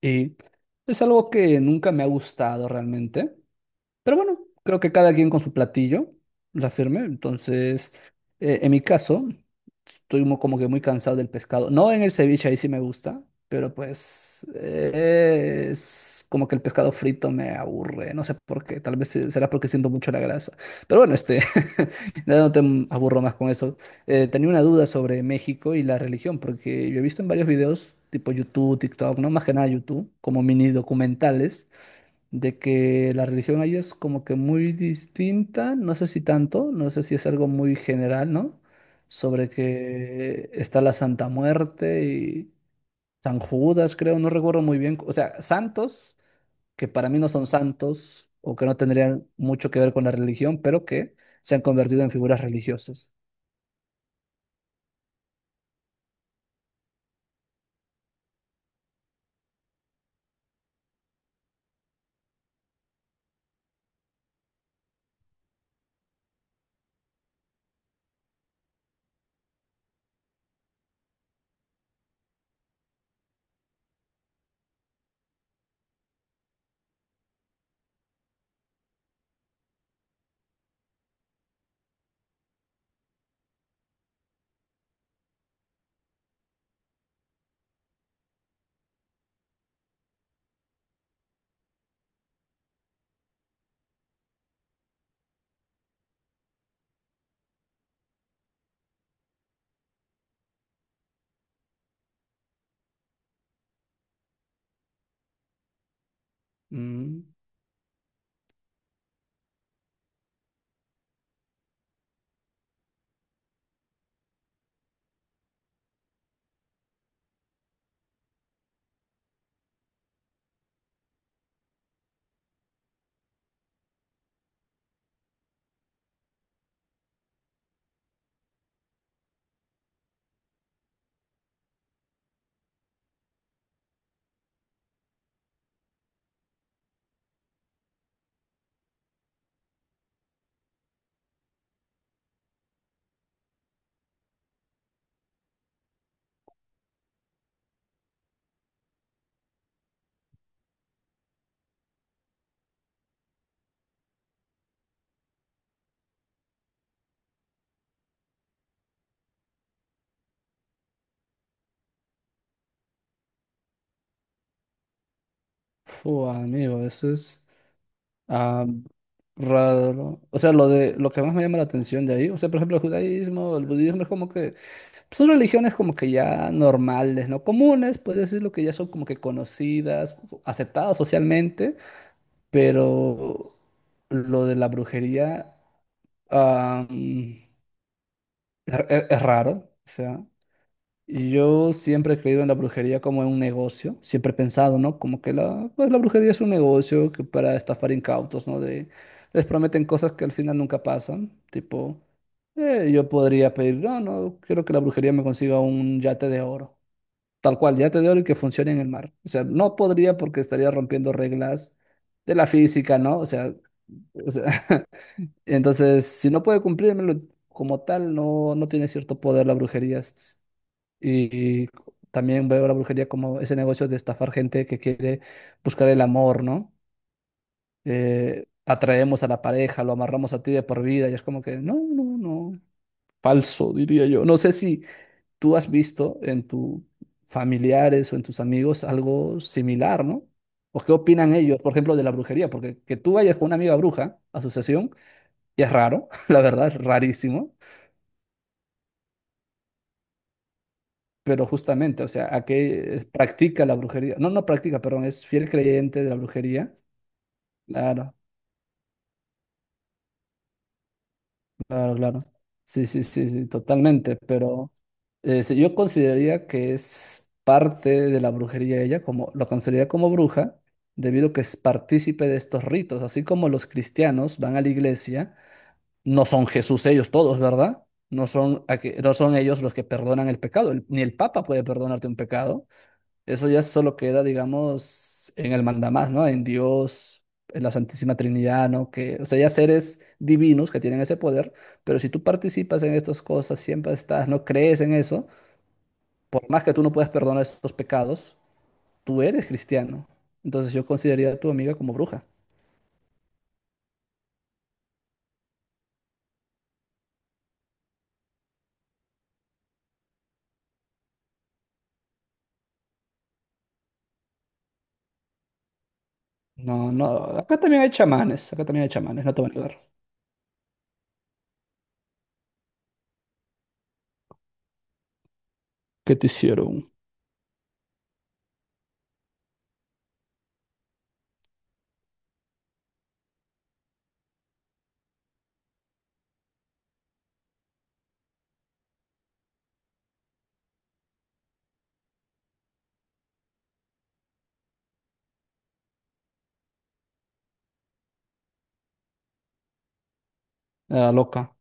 Y es algo que nunca me ha gustado realmente. Pero bueno, creo que cada quien con su platillo, la firme. Entonces, en mi caso, estoy como que muy cansado del pescado. No en el ceviche, ahí sí me gusta, pero pues es como que el pescado frito me aburre. No sé por qué, tal vez será porque siento mucho la grasa. Pero bueno, ya no te aburro más con eso. Tenía una duda sobre México y la religión, porque yo he visto en varios videos, tipo YouTube, TikTok, no más que nada YouTube, como mini documentales de que la religión ahí es como que muy distinta, no sé si tanto, no sé si es algo muy general, ¿no? Sobre que está la Santa Muerte y San Judas, creo, no recuerdo muy bien, o sea, santos que para mí no son santos o que no tendrían mucho que ver con la religión, pero que se han convertido en figuras religiosas. Mm. Fu, amigo, eso es ah, raro. O sea, lo de lo que más me llama la atención de ahí, o sea, por ejemplo, el judaísmo, el budismo es como que son religiones como que ya normales, no comunes, puedes decirlo que ya son como que conocidas, aceptadas socialmente, pero lo de la brujería ah, mm, es, raro. O sea, yo siempre he creído en la brujería como en un negocio, siempre he pensado, ¿no? Como que la, pues la brujería es un negocio que para estafar incautos, ¿no? De, les prometen cosas que al final nunca pasan, tipo, yo podría pedir, no, no, quiero que la brujería me consiga un yate de oro. Tal cual, ya te digo que funcione en el mar. O sea, no podría porque estaría rompiendo reglas de la física, ¿no? O sea, entonces, si no puede cumplírmelo como tal, no, no tiene cierto poder la brujería. S- Y también veo la brujería como ese negocio de estafar gente que quiere buscar el amor, ¿no? Atraemos a la pareja, lo amarramos a ti de por vida y es como que, no, no, no, falso, diría yo. No sé si tú has visto en tus familiares o en tus amigos algo similar, ¿no? ¿O qué opinan ellos, por ejemplo, de la brujería? Porque que tú vayas con una amiga bruja a su sesión y es raro, la verdad, es rarísimo, pero justamente, o sea, a qué practica la brujería, no, no practica, perdón, es fiel creyente de la brujería, claro. Claro, claro. Sí, sí, sí, sí, totalmente. Pero sí, yo consideraría que es parte de la brujería ella, como lo consideraría como bruja, debido a que es partícipe de estos ritos. Así como los cristianos van a la iglesia, no son Jesús ellos todos, ¿verdad? No son, no son ellos los que perdonan el pecado. Ni el Papa puede perdonarte un pecado. Eso ya solo queda, digamos, en el mandamás, ¿no? En Dios, en la Santísima Trinidad, ¿no? Que, o sea, ya seres divinos que tienen ese poder, pero si tú participas en estas cosas, siempre estás, no crees en eso, por más que tú no puedas perdonar estos pecados, tú eres cristiano. Entonces yo consideraría a tu amiga como bruja. No, no, acá también hay chamanes, no te van a ayudar. ¿Qué te hicieron? Era loca.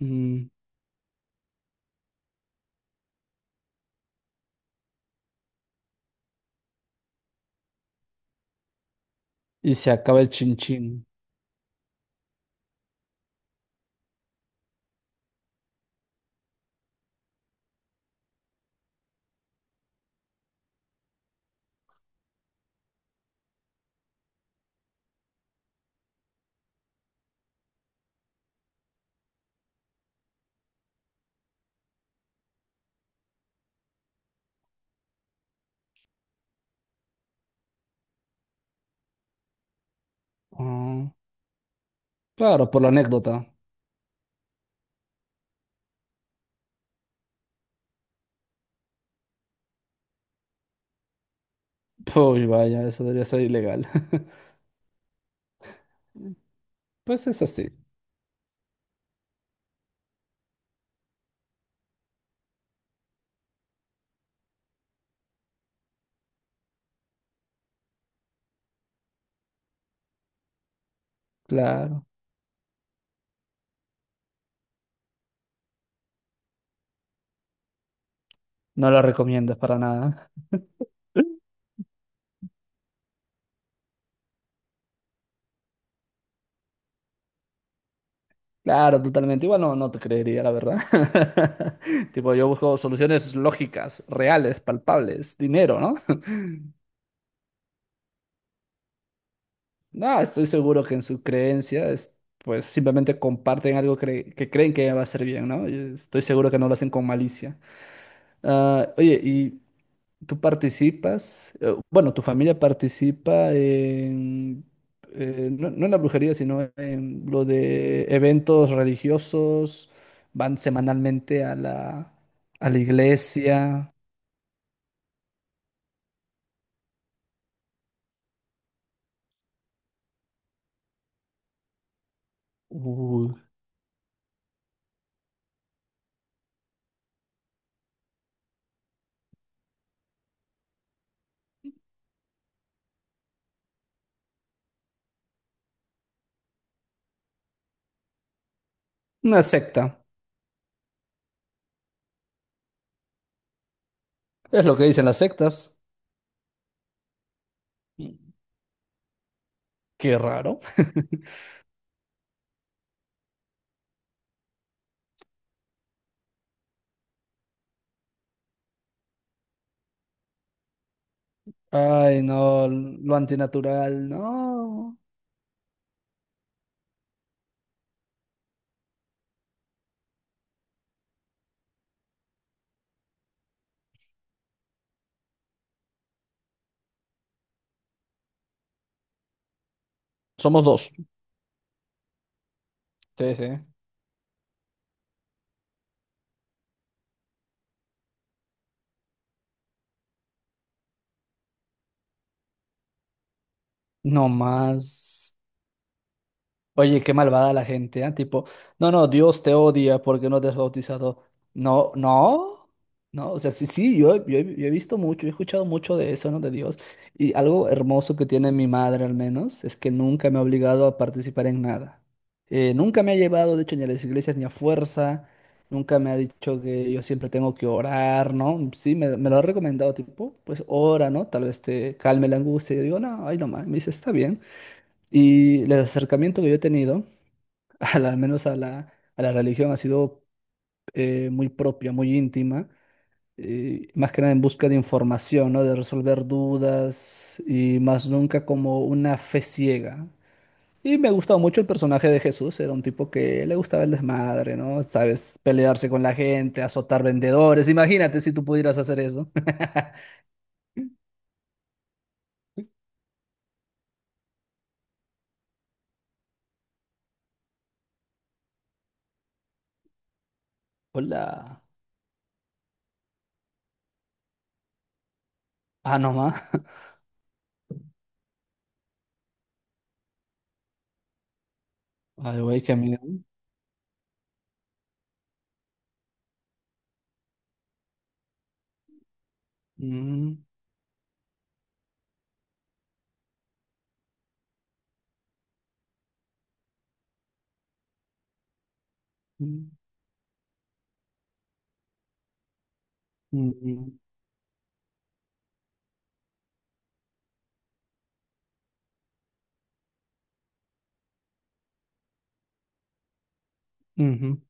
Mm, y se acaba el chinchín. Ah, claro, por la anécdota. Uy, vaya, eso debería ser ilegal. Pues es así, claro. No lo recomiendas para nada. Claro, totalmente. Igual no, no te creería, la verdad. Tipo, yo busco soluciones lógicas, reales, palpables, dinero, ¿no? No, estoy seguro que en su creencia, pues simplemente comparten algo que creen que va a ser bien, ¿no? Y estoy seguro que no lo hacen con malicia. Ah, oye, ¿tú participas? Bueno, ¿tu familia participa en, no, no en la brujería, sino en lo de eventos religiosos? ¿Van semanalmente a la iglesia? Uy, una secta. Es lo que dicen las sectas. Mm, qué raro. Ay, no, lo antinatural, no. Somos dos. Sí, sí. No más. Oye, qué malvada la gente, ¿ah? Tipo, no, no, Dios te odia porque no te has bautizado. No, no, no, o sea, sí, sí, yo he visto mucho, he escuchado mucho de eso, ¿no? De Dios. Y algo hermoso que tiene mi madre, al menos, es que nunca me ha obligado a participar en nada. Nunca me ha llevado, de hecho, ni a las iglesias ni a fuerza. Nunca me ha dicho que yo siempre tengo que orar, ¿no? Sí, me lo ha recomendado, tipo, pues ora, ¿no? Tal vez te calme la angustia. Yo digo, no, ay, no más. Me dice, está bien. Y el acercamiento que yo he tenido al menos a a la religión, ha sido muy propia, muy íntima, más que nada en busca de información, ¿no? De resolver dudas y más nunca como una fe ciega. Y me gustaba mucho el personaje de Jesús, era un tipo que le gustaba el desmadre, ¿no? Sabes, pelearse con la gente, azotar vendedores, imagínate si tú pudieras hacer eso. Hola. Ah, no más. Ay, güey, qué miedo. Mm, mm, mm, mm, ujú.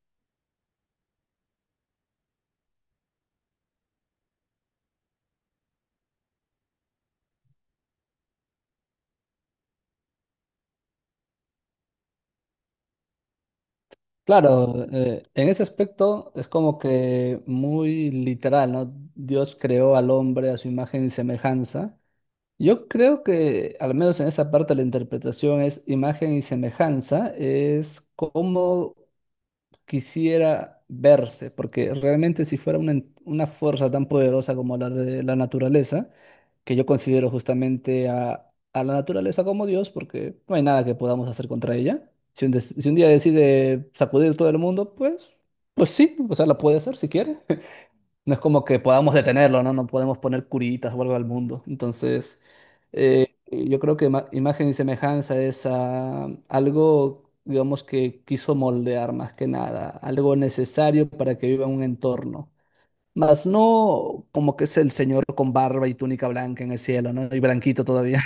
Claro, en ese aspecto es como que muy literal, ¿no? Dios creó al hombre a su imagen y semejanza. Yo creo que, al menos en esa parte, la interpretación es imagen y semejanza, es como quisiera verse, porque realmente si fuera una fuerza tan poderosa como la de la naturaleza, que yo considero justamente a la naturaleza como Dios, porque no hay nada que podamos hacer contra ella. Si si un día decide sacudir todo el mundo, pues, pues sí, o sea, la puede hacer si quiere. No es como que podamos detenerlo, ¿no? No podemos poner curitas o algo al mundo. Entonces, yo creo que imagen y semejanza es algo, digamos, que quiso moldear más que nada, algo necesario para que viva en un entorno. Mas no como que es el Señor con barba y túnica blanca en el cielo, ¿no? Y blanquito todavía.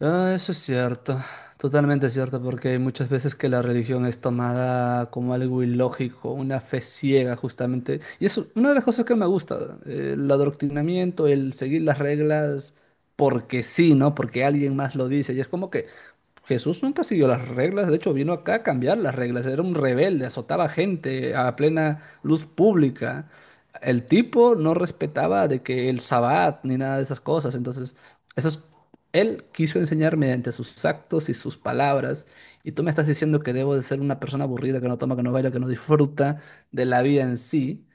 Ah, eso es cierto, totalmente cierto, porque hay muchas veces que la religión es tomada como algo ilógico, una fe ciega justamente. Y es una de las cosas que me gusta, el adoctrinamiento, el seguir las reglas porque sí, ¿no? Porque alguien más lo dice. Y es como que Jesús nunca siguió las reglas, de hecho vino acá a cambiar las reglas, era un rebelde, azotaba gente a plena luz pública. El tipo no respetaba de que el sabbat ni nada de esas cosas, entonces... Eso es él quiso enseñar mediante sus actos y sus palabras, y tú me estás diciendo que debo de ser una persona aburrida, que no toma, que no baila, que no disfruta de la vida en sí,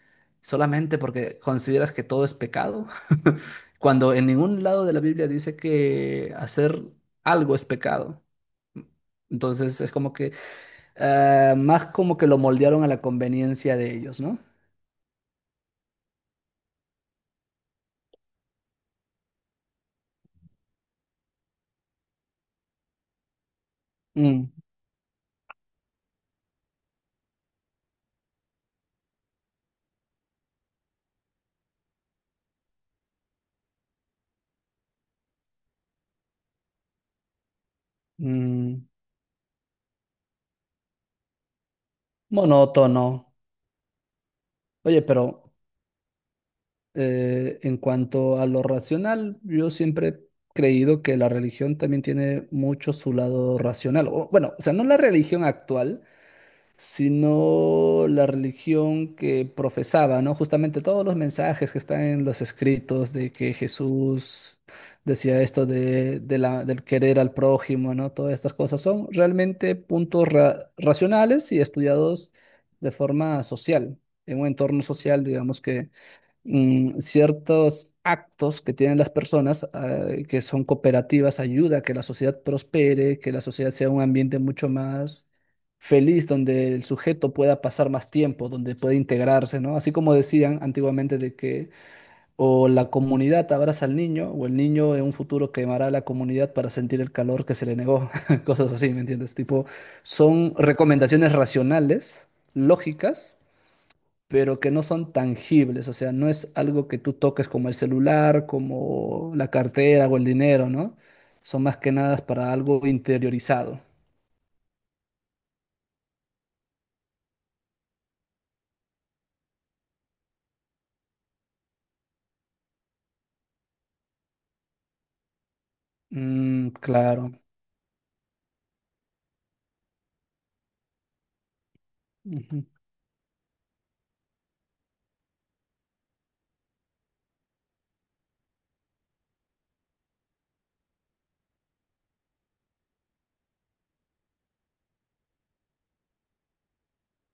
solamente porque consideras que todo es pecado, cuando en ningún lado de la Biblia dice que hacer algo es pecado. Entonces es como que más como que lo moldearon a la conveniencia de ellos, ¿no? Mm, mm, monótono. Oye, pero en cuanto a lo racional, yo siempre he creído que la religión también tiene mucho su lado racional. O, bueno, o sea, no la religión actual, sino la religión que profesaba, ¿no? Justamente todos los mensajes que están en los escritos de que Jesús decía esto de del querer al prójimo, ¿no? Todas estas cosas son realmente puntos racionales y estudiados de forma social, en un entorno social, digamos que mm, ciertos actos que tienen las personas, que son cooperativas, ayuda a que la sociedad prospere, que la sociedad sea un ambiente mucho más feliz, donde el sujeto pueda pasar más tiempo, donde pueda integrarse, ¿no? Así como decían antiguamente de que o la comunidad abraza al niño, o el niño en un futuro quemará a la comunidad para sentir el calor que se le negó, cosas así, ¿me entiendes? Tipo, son recomendaciones racionales, lógicas pero que no son tangibles, o sea, no es algo que tú toques como el celular, como la cartera o el dinero, ¿no? Son más que nada para algo interiorizado. Mm, claro. Ujú.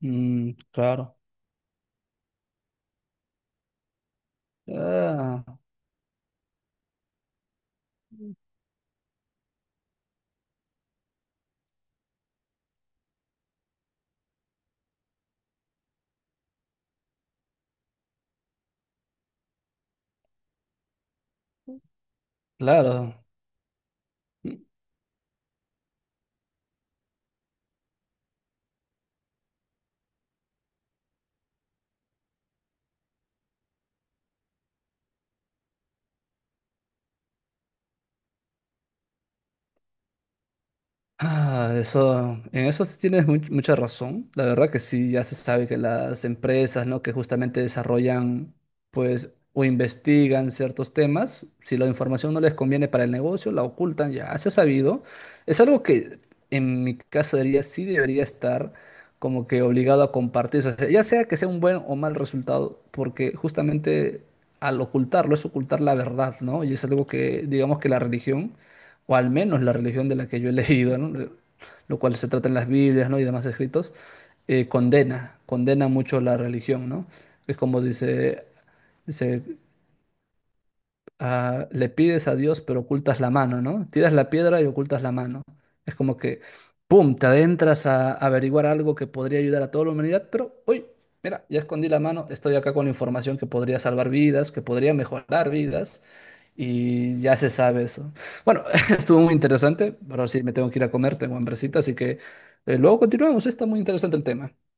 Mm, claro. Ah, claro. Ah, eso, en eso sí tienes mucha razón. La verdad que sí, ya se sabe que las empresas, ¿no? Que justamente desarrollan, pues, o investigan ciertos temas, si la información no les conviene para el negocio, la ocultan, ya se ha sabido. Es algo que en mi caso diría, sí debería estar como que obligado a compartir, o sea, ya sea que sea un buen o mal resultado, porque justamente al ocultarlo es ocultar la verdad, ¿no? Y es algo que, digamos que la religión o al menos la religión de la que yo he leído, ¿no? Lo cual se trata en las Biblias, ¿no? Y demás escritos, condena mucho la religión, ¿no? Es como dice, le pides a Dios pero ocultas la mano, ¿no? Tiras la piedra y ocultas la mano. Es como que, ¡pum!, te adentras a averiguar algo que podría ayudar a toda la humanidad, pero, uy, mira, ya escondí la mano, estoy acá con información que podría salvar vidas, que podría mejorar vidas y ya se sabe eso. Bueno, estuvo muy interesante, pero sí me tengo que ir a comer, tengo hambrecita, así que luego continuamos, está muy interesante el tema.